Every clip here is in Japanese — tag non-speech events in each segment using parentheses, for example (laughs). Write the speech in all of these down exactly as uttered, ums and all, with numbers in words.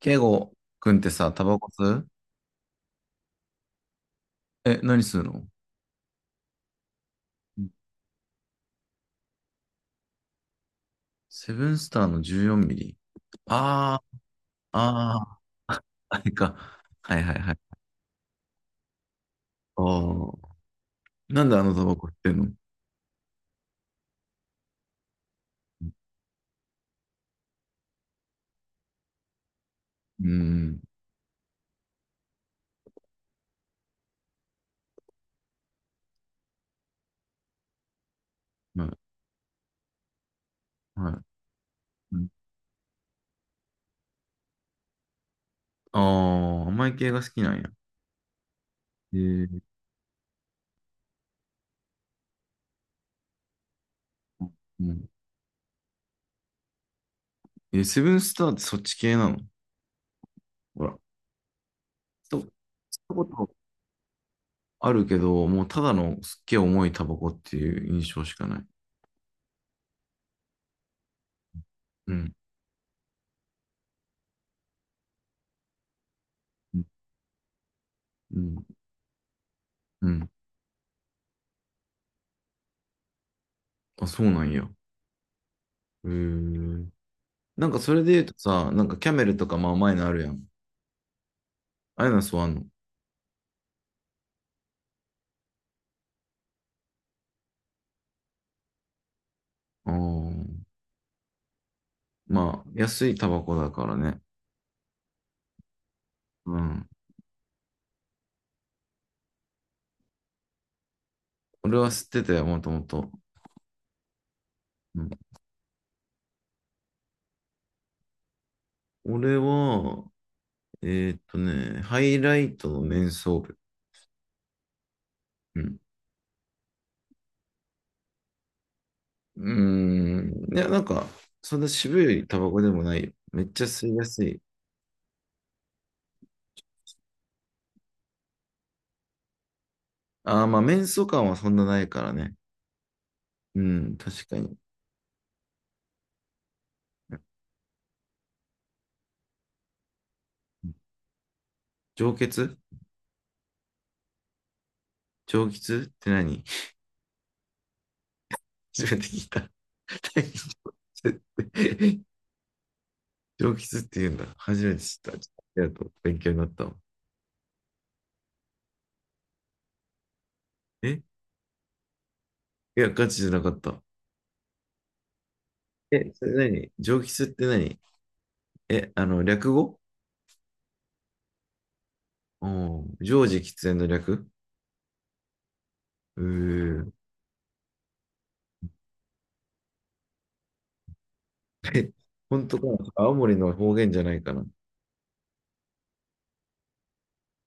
ケイゴくんってさ、タバコ吸う？え、何吸うの？うん。セブンスターのじゅうよんミリ。あー、あー、あれ (laughs) か。はいはいはい。ああ。なんであのタバコ吸ってんの？うん、はい、はい。うん。ああ、甘い系が好きなんや。えー、うん。え、セブンスターってそっち系なの？ほら。と、吸ったことあるけど、もうただのすっげえ重いタバコっていう印象しかない。うん、うん、うん。うん。あ、そうなんや。へえ。なんかそれで言うとさ、なんかキャメルとかまあ甘いのあるやん。ああいうのは吸わんの。あー。まあ、安いタバコだからね。うん。俺は吸ってたよ、もともと。うん、俺は、えーっとね、ハイライトのメンソール。うん。うーん。いや、なんか、そんな渋いタバコでもないよ。めっちゃ吸いやすい。ああ、まあ、メンソ感はそんなないからね。うん、確かに。上血。上血って何？ (laughs) 初めて (laughs) 聞いた。(laughs) 大気血って。上吉って言うんだ。初めて知った。ちょっとありがとう。勉強になったわ。え、いや、ガチじゃなかった。え、それ何、上吉って何？え、あの、略語？うん。常時喫煙の略？うー。え、本当かな？青森の方言じゃないかな。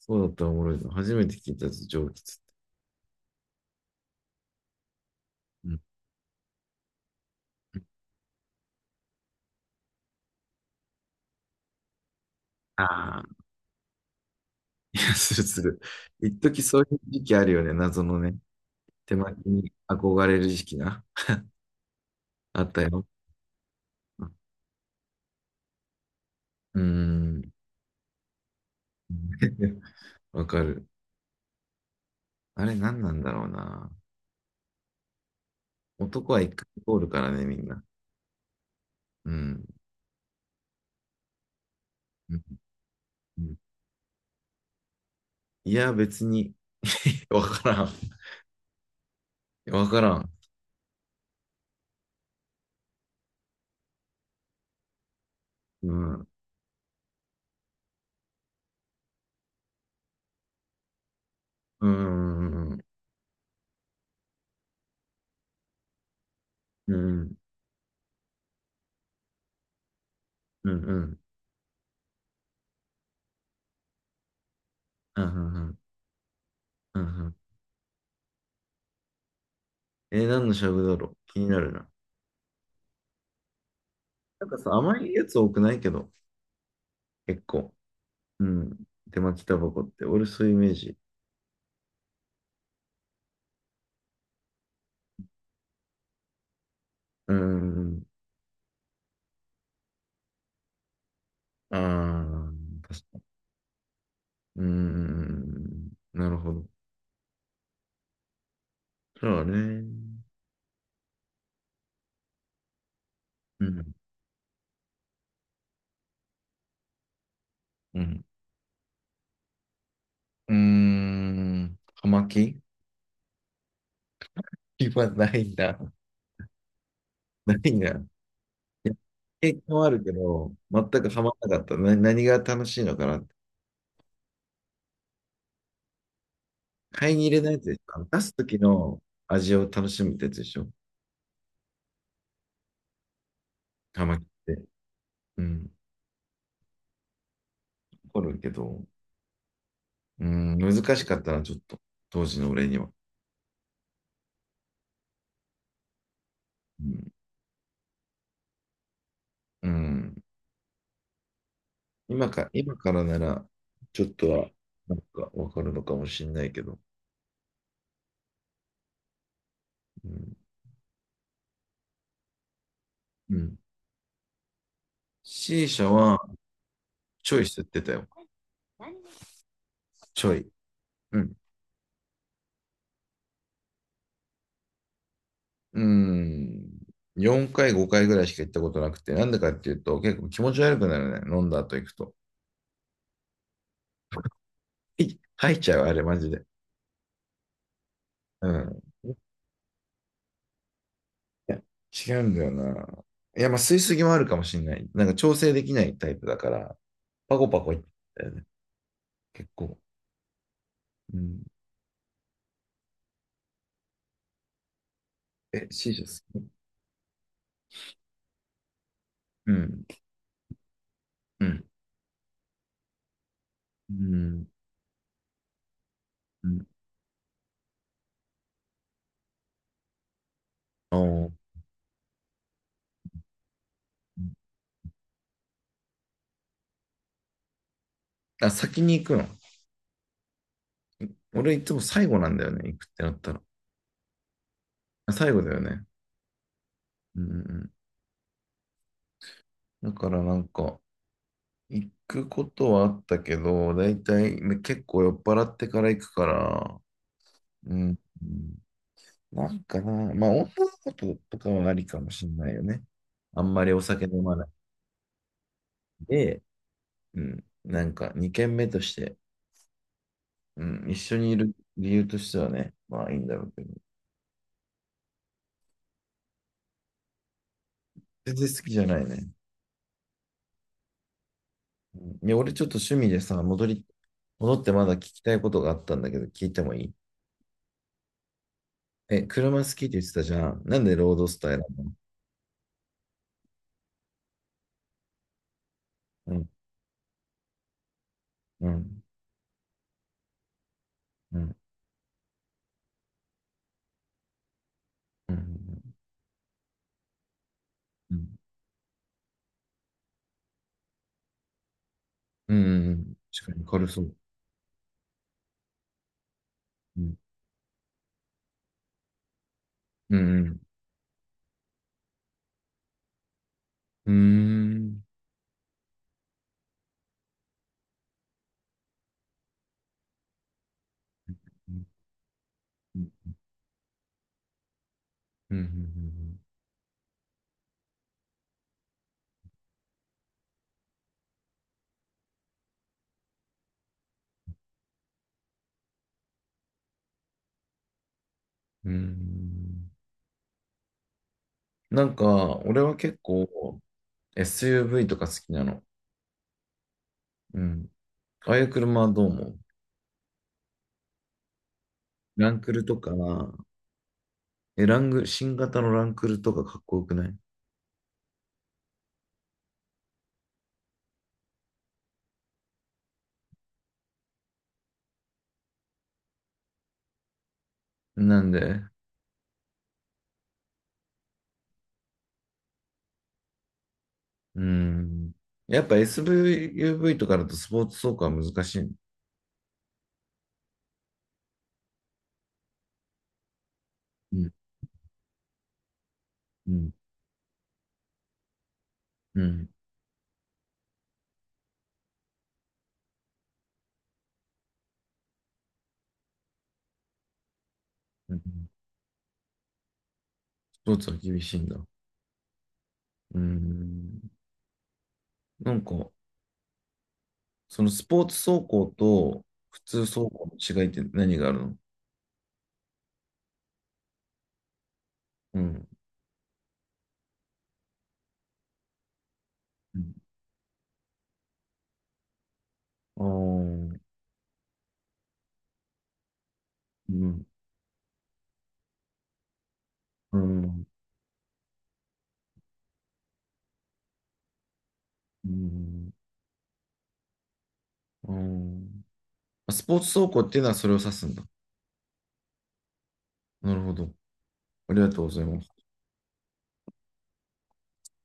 そうだったらおもろいぞ。初めて聞いたぞ、上吉って。うん。ああ、いや、するする。一時そういう時期あるよね。謎のね。手巻きに憧れる時期な。あったよ。うーん。(laughs) わかる。あれ何なんだろうな。男は一回通るからね、みんな。うん。うん。うん。いや、別に、(laughs) わからん。わからん。うん。うん。うん。うん。うん。うん。うん。うん。うん。うん。えー、何のしゃぶだろう、気になるな。なんかさ、甘いやつ多くないけど、結構。うん。手巻きタバコって、俺そういうイメージ。うん。ああ、確かに。うーん、なるほど。そうね。うん、うん。うーん、葉巻？ (laughs) 今ないんだ。何が、いや、経験はあるけど、全くハマらなかった。な、何が楽しいのかなって。買いに入れないやつでしょ。あの出す時の味を楽しむってやつでしょ。ハマって。うん。怒るけど、うん、難しかったな、ちょっと。当時の俺には。うん。うん。今か、今からなら、ちょっとは、なんかわかるのかもしれないけど。うん。うん。C 社は、ちょい吸ってたよ。ちょい。うん。うん。よんかい、ごかいぐらいしか行ったことなくて、なんでかっていうと、結構気持ち悪くなるね。飲んだ後行くと。い、吐いちゃう、あれ、マジで。うん。いや、違うんだよな。いや、まあ、吸いすぎもあるかもしれない。なんか調整できないタイプだから、パコパコいったよね。結構。うん。え、C 社好ス。うん。うん。うん。うん。おー。あ、先に行くの？俺いつも最後なんだよね。行くってなったら。あ、最後だよね。うん、うん。うん。だからなんか、行くことはあったけど、だいたいね結構酔っ払ってから行くから、うん。うん。なんかな、まあ女の子と、とかはありかもしんないよね。あんまりお酒飲まないで、うん。なんかにけんめ軒目として、うん。一緒にいる理由としてはね、まあいいんだろうけど、全然好きじゃないね。うん。いや、俺ちょっと趣味でさ、戻り、戻ってまだ聞きたいことがあったんだけど、聞いてもいい？え、車好きって言ってたじゃん。なんでロードスタイルなの？うん、うん、うん、うん。うん。うん。うん。うん。うん確かに軽そう。うん。うん。うん。うん。うん。うん。うん。なんか、俺は結構 エスユーブイ とか好きなの。うん。ああいう車はどう思う？ランクルとか、え、ラング、新型のランクルとかかっこよくない？なんで、うん。やっぱ エスユーブイ とかだとスポーツ走行は難しいの？うん。うん。うん。うん。スポーツは厳しいんだ。うん。なんか、そのスポーツ走行と普通走行の違いって何があるの？うん。うん。あー。うん。うん。うん。うん。あ、スポーツ走行っていうのはそれを指すんだ。なるほど。ありがとうございます。